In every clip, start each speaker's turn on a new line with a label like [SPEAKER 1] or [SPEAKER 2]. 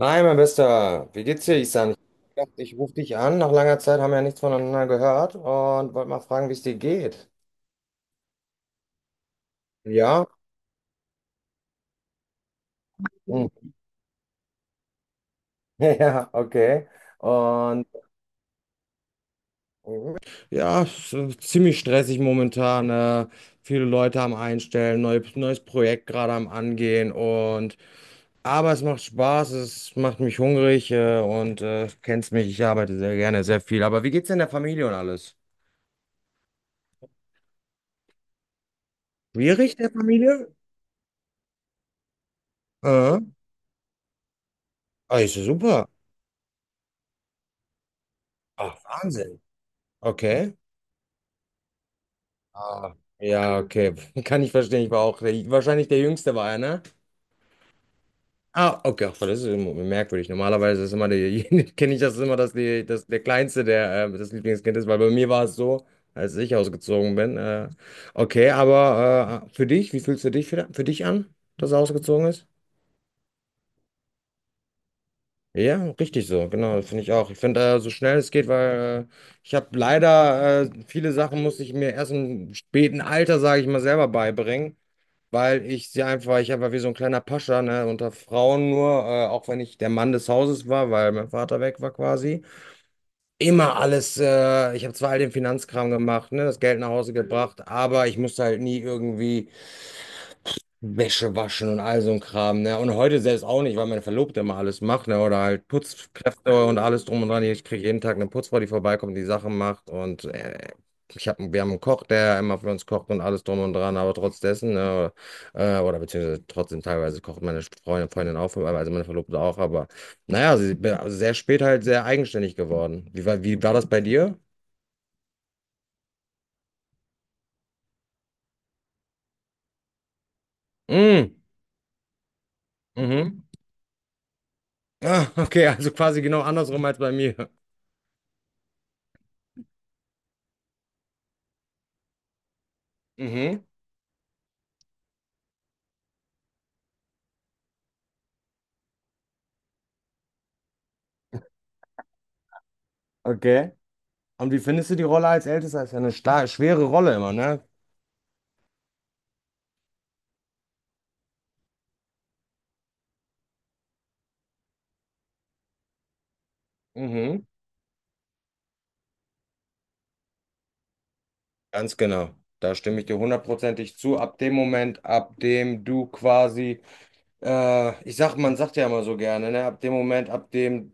[SPEAKER 1] Hi, mein Bester. Wie geht's dir, Isan? Ich dachte, ich rufe dich an. Nach langer Zeit haben wir ja nichts voneinander gehört und wollte mal fragen, wie es dir geht. Ja? Hm. Ja, okay. Und ja, es ist ziemlich stressig momentan. Viele Leute am Einstellen, neu, neues Projekt gerade am Angehen und aber es macht Spaß, es macht mich hungrig und kennst mich, ich arbeite sehr gerne, sehr viel. Aber wie geht's denn der Familie und alles? Schwierig der Familie? Äh, ah, ist ja super. Ach, Wahnsinn. Okay. Ah, ja, okay. Kann ich verstehen. Ich war auch der, wahrscheinlich der Jüngste war er, ne? Ah, okay. Ach, das ist immer merkwürdig. Normalerweise ist immer der, kenne ich das immer, dass, die, dass der Kleinste der das Lieblingskind ist, weil bei mir war es so, als ich ausgezogen bin. Okay, aber für dich, wie fühlst du dich für dich an, dass er ausgezogen ist? Ja, richtig so, genau, das finde ich auch. Ich finde, so schnell es geht, weil ich habe leider viele Sachen musste ich mir erst im späten Alter, sage ich mal, selber beibringen. Weil ich sie einfach, weil ich einfach wie so ein kleiner Pascha, ne, unter Frauen nur, auch wenn ich der Mann des Hauses war, weil mein Vater weg war quasi. Immer alles, ich habe zwar all den Finanzkram gemacht, ne, das Geld nach Hause gebracht, aber ich musste halt nie irgendwie Wäsche waschen und all so ein Kram, ne? Und heute selbst auch nicht, weil meine Verlobte immer alles macht, ne? Oder halt Putzkräfte und alles drum und dran. Ich kriege jeden Tag eine Putzfrau, die vorbeikommt, die Sachen macht. Und ich hab, wir haben einen Koch, der immer für uns kocht und alles drum und dran. Aber trotz dessen, ne? Oder beziehungsweise trotzdem teilweise kocht meine Freundin auch, für- also meine Verlobte auch. Aber naja, sie bin sehr spät halt sehr eigenständig geworden. Wie war das bei dir? Mm, mhm. Ah, okay, also quasi genau andersrum als bei mir. Mhm. Okay. Und wie findest du die Rolle als Ältester? Ist ja eine starke, schwere Rolle immer, ne? Mhm. Ganz genau. Da stimme ich dir hundertprozentig zu. Ab dem Moment, ab dem du quasi, ich sag, man sagt ja immer so gerne, ne? Ab dem Moment, ab dem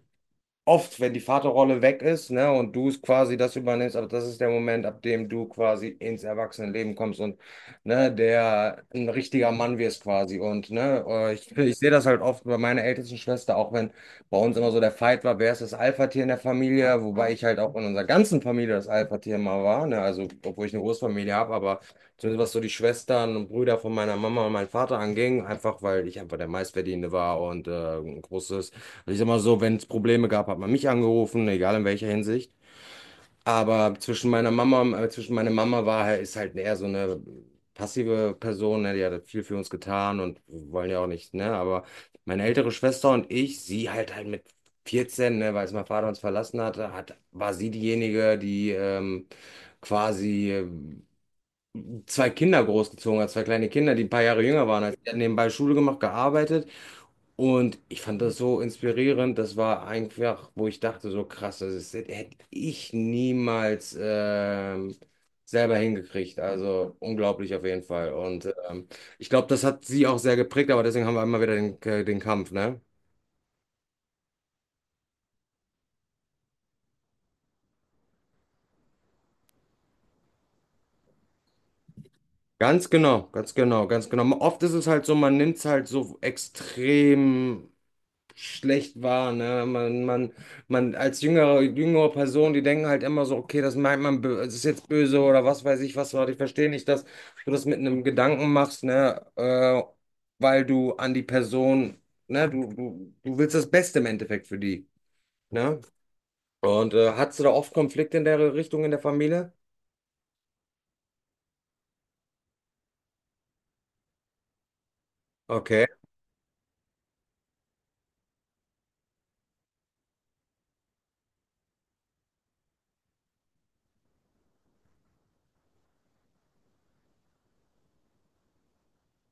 [SPEAKER 1] oft, wenn die Vaterrolle weg ist, ne, und du es quasi das übernimmst, aber das ist der Moment, ab dem du quasi ins Erwachsenenleben kommst und ne, der ein richtiger Mann wirst quasi. Und ne, ich sehe das halt oft bei meiner ältesten Schwester, auch wenn bei uns immer so der Fight war, wer ist das Alpha-Tier in der Familie, wobei ich halt auch in unserer ganzen Familie das Alpha-Tier mal war, ne, also obwohl ich eine Großfamilie habe, aber zumindest was so die Schwestern und Brüder von meiner Mama und meinem Vater anging, einfach weil ich einfach der Meistverdienende war und ein großes. Also ich sag mal so, wenn es Probleme gab, hat man mich angerufen, egal in welcher Hinsicht. Zwischen meiner Mama war halt, ist halt eher so eine passive Person, ne? Die hat viel für uns getan und wir wollen ja auch nicht, ne? Aber meine ältere Schwester und ich, sie halt mit 14, ne, weil es mein Vater uns verlassen hatte, hat, war sie diejenige, die quasi zwei Kinder großgezogen hat, zwei kleine Kinder, die ein paar Jahre jünger waren als ich. Die hat nebenbei Schule gemacht, gearbeitet und ich fand das so inspirierend. Das war einfach, wo ich dachte, so krass, das ist, hätte ich niemals selber hingekriegt. Also unglaublich auf jeden Fall. Und ich glaube, das hat sie auch sehr geprägt, aber deswegen haben wir immer wieder den, den Kampf, ne? Ganz genau, ganz genau, ganz genau. Oft ist es halt so, man nimmt es halt so extrem schlecht wahr, ne? Man als jüngere Person, die denken halt immer so, okay, das meint man, bö- es ist jetzt böse oder was weiß ich, was war, ich verstehe nicht, dass du das mit einem Gedanken machst, ne? Weil du an die Person, ne? Du willst das Beste im Endeffekt für die, ne? Und hattest du da oft Konflikte in der Richtung in der Familie? Okay.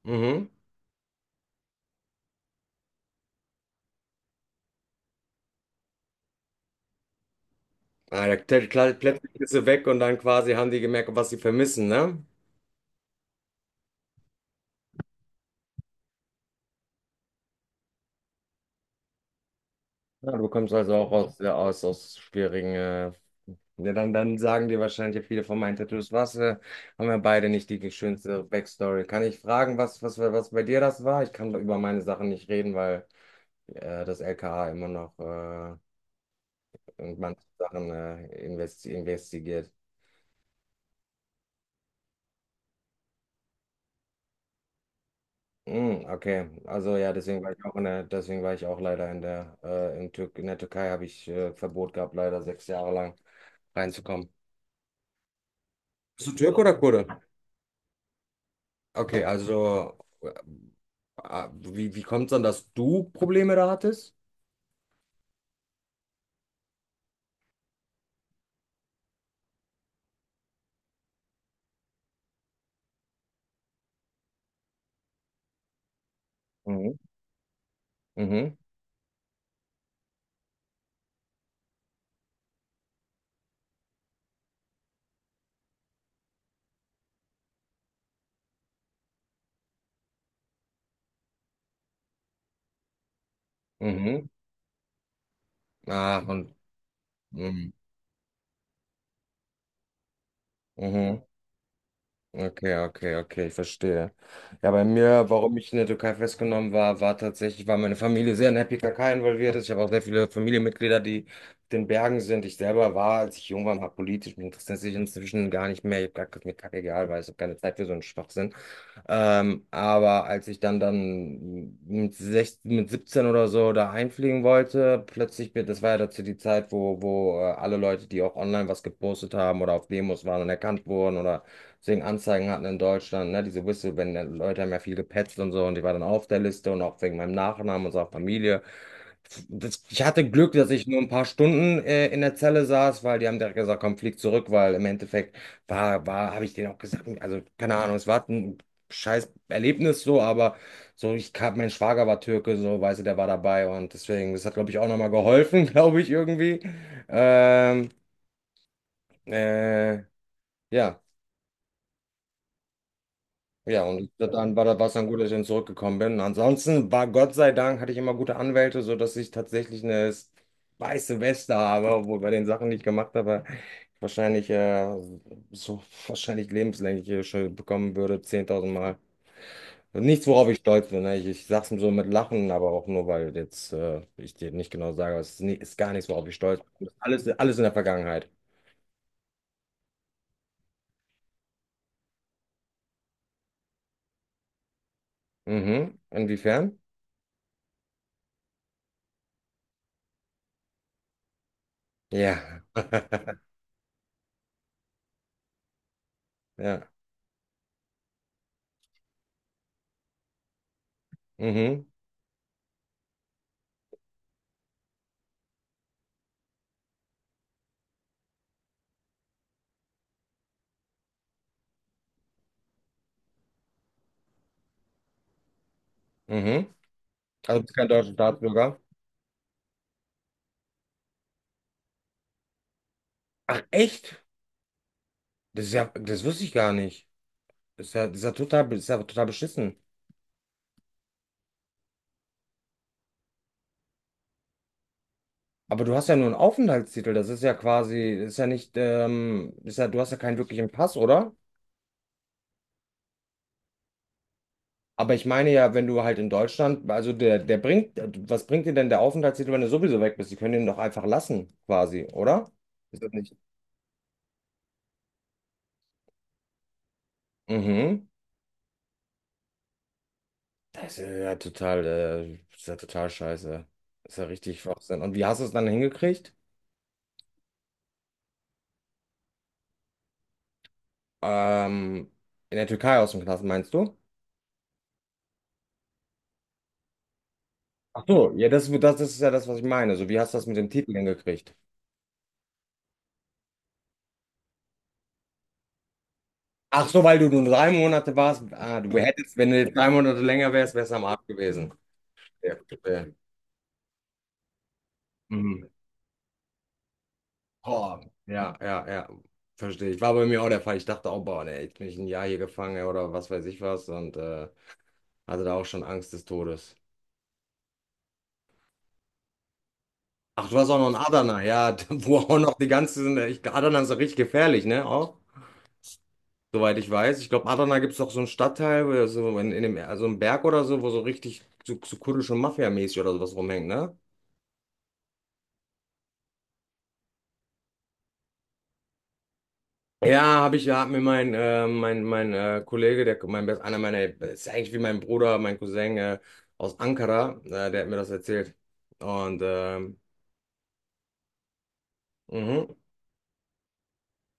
[SPEAKER 1] Mhm. Ah, ja, klar, klar, plötzlich ist du weg und dann quasi haben die gemerkt, was sie vermissen, ne? Ja, du kommst also auch ja, aus schwierigen, ja, dann sagen dir wahrscheinlich viele von meinen Tattoos, was, haben wir beide nicht die schönste Backstory. Kann ich fragen, was bei dir das war? Ich kann über meine Sachen nicht reden, weil das LKA immer noch in manche Sachen investi investigiert. Mm, okay, also ja, deswegen war ich auch in der, deswegen war ich auch leider in der, in, Tür in der Türkei habe ich Verbot gehabt, leider 6 Jahre lang reinzukommen. Bist du Türke oder Kurde? Okay, also ah, wie kommt es dann, dass du Probleme da hattest? Mhm. Mhm. Mhm. Ah, und mhm. Mhm. Okay, okay, okay, ich verstehe. Ja, bei mir, warum ich in der Türkei festgenommen war, war tatsächlich, war meine Familie sehr in der PKK involviert ist. Ich habe auch sehr viele Familienmitglieder, die auf den Bergen sind. Ich selber war, als ich jung war, mal politisch. Mich interessiert sich inzwischen gar nicht mehr. Ich habe gesagt, ist mir kackegal, weil ich habe keine Zeit für so einen Schwachsinn. Aber als ich dann mit, 16, mit 17 oder so da einfliegen wollte, plötzlich, bin- das war ja dazu die Zeit, wo alle Leute, die auch online was gepostet haben oder auf Demos waren und erkannt wurden oder deswegen Anzeigen hatten in Deutschland, ne, diese Whistle, wenn Leute haben ja viel gepetzt und so und ich war dann auf der Liste und auch wegen meinem Nachnamen und so auch Familie. Das, ich hatte Glück, dass ich nur ein paar Stunden in der Zelle saß, weil die haben direkt gesagt, komm, flieg zurück, weil im Endeffekt habe ich denen auch gesagt, also keine Ahnung, es war ein scheiß Erlebnis so, aber so, ich kam, mein Schwager war Türke, so, weißt du, der war dabei und deswegen, das hat, glaube ich, auch nochmal geholfen, glaube ich, irgendwie. Ähm, äh, ja. Ja, und dann war das war es dann gut, dass ich dann zurückgekommen bin. Ansonsten war Gott sei Dank, hatte ich immer gute Anwälte, sodass ich tatsächlich eine weiße Weste habe, obwohl bei den Sachen, die ich gemacht habe, wahrscheinlich so wahrscheinlich lebenslänglich schon bekommen würde, 10.000 Mal. Also nichts, worauf ich stolz bin. Ne? Ich sag's so mit Lachen, aber auch nur, weil jetzt ich dir nicht genau sage, aber es ist, nie, ist gar nichts, worauf ich stolz bin. Alles in der Vergangenheit. Mhm. Inwiefern? Ja. Ja. Mhm. Mhm. Also, du bist kein deutscher Staatsbürger. Ach, echt? Das ist ja, das wusste ich gar nicht. Das ist ja total beschissen. Aber du hast ja nur einen Aufenthaltstitel. Das ist ja quasi, das ist ja nicht, das ist ja, du hast ja keinen wirklichen Pass, oder? Aber ich meine ja, wenn du halt in Deutschland, also der bringt, was bringt dir denn der Aufenthaltstitel, wenn du sowieso weg bist? Die können den doch einfach lassen, quasi, oder? Ist das nicht? Mhm. Das ist ja total scheiße. Das ist ja richtig Schwachsinn. Und wie hast du es dann hingekriegt? Ähm, in der Türkei aus dem Knast, meinst du? Ach so, ja, das ist ja das, was ich meine. So, wie hast du das mit dem Titel hingekriegt? Ach so, weil du nur drei Monate warst. Ah, du hättest, wenn du jetzt drei Monate länger wärst, wärst du am Arsch gewesen. Ja, verstehe. Mhm. Boah, ja, ja, ja. Verstehe. Ich war bei mir auch der Fall. Ich dachte auch, boah, ne, jetzt bin ich ein Jahr hier gefangen oder was weiß ich was und hatte da auch schon Angst des Todes. Ach, du warst auch noch in Adana, ja, wo auch noch die ganzen, Adana ist doch richtig gefährlich, ne? Auch? Soweit ich weiß. Ich glaube, Adana gibt es doch so einen Stadtteil, wo so in dem, also einen Berg oder so, wo so richtig so kurdische Mafia-mäßig oder sowas rumhängt, ne? Ja, habe ich, ja, hat mir mein, mein Kollege, der, mein, best- einer meiner, ist ja eigentlich wie mein Bruder, mein Cousin aus Ankara, der hat mir das erzählt. Und, mhm.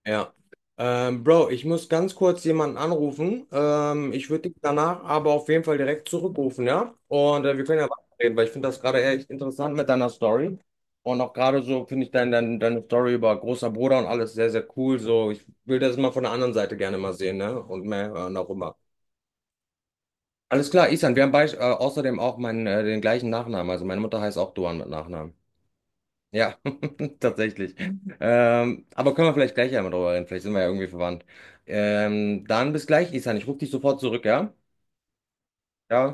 [SPEAKER 1] Ja. Bro, ich muss ganz kurz jemanden anrufen. Ich würde dich danach aber auf jeden Fall direkt zurückrufen, ja? Und wir können ja weiterreden, weil ich finde das gerade echt interessant mit deiner Story. Und auch gerade so finde ich deine Story über großer Bruder und alles sehr, sehr cool. So, ich will das mal von der anderen Seite gerne mal sehen, ne? Und mehr hören auch immer. Alles klar, Isan, wir haben bei, außerdem auch meinen, den gleichen Nachnamen. Also meine Mutter heißt auch Duan mit Nachnamen. Ja, tatsächlich. Aber können wir vielleicht gleich einmal drüber reden. Vielleicht sind wir ja irgendwie verwandt. Dann bis gleich, Isan. Ich rufe dich sofort zurück, ja? Ja.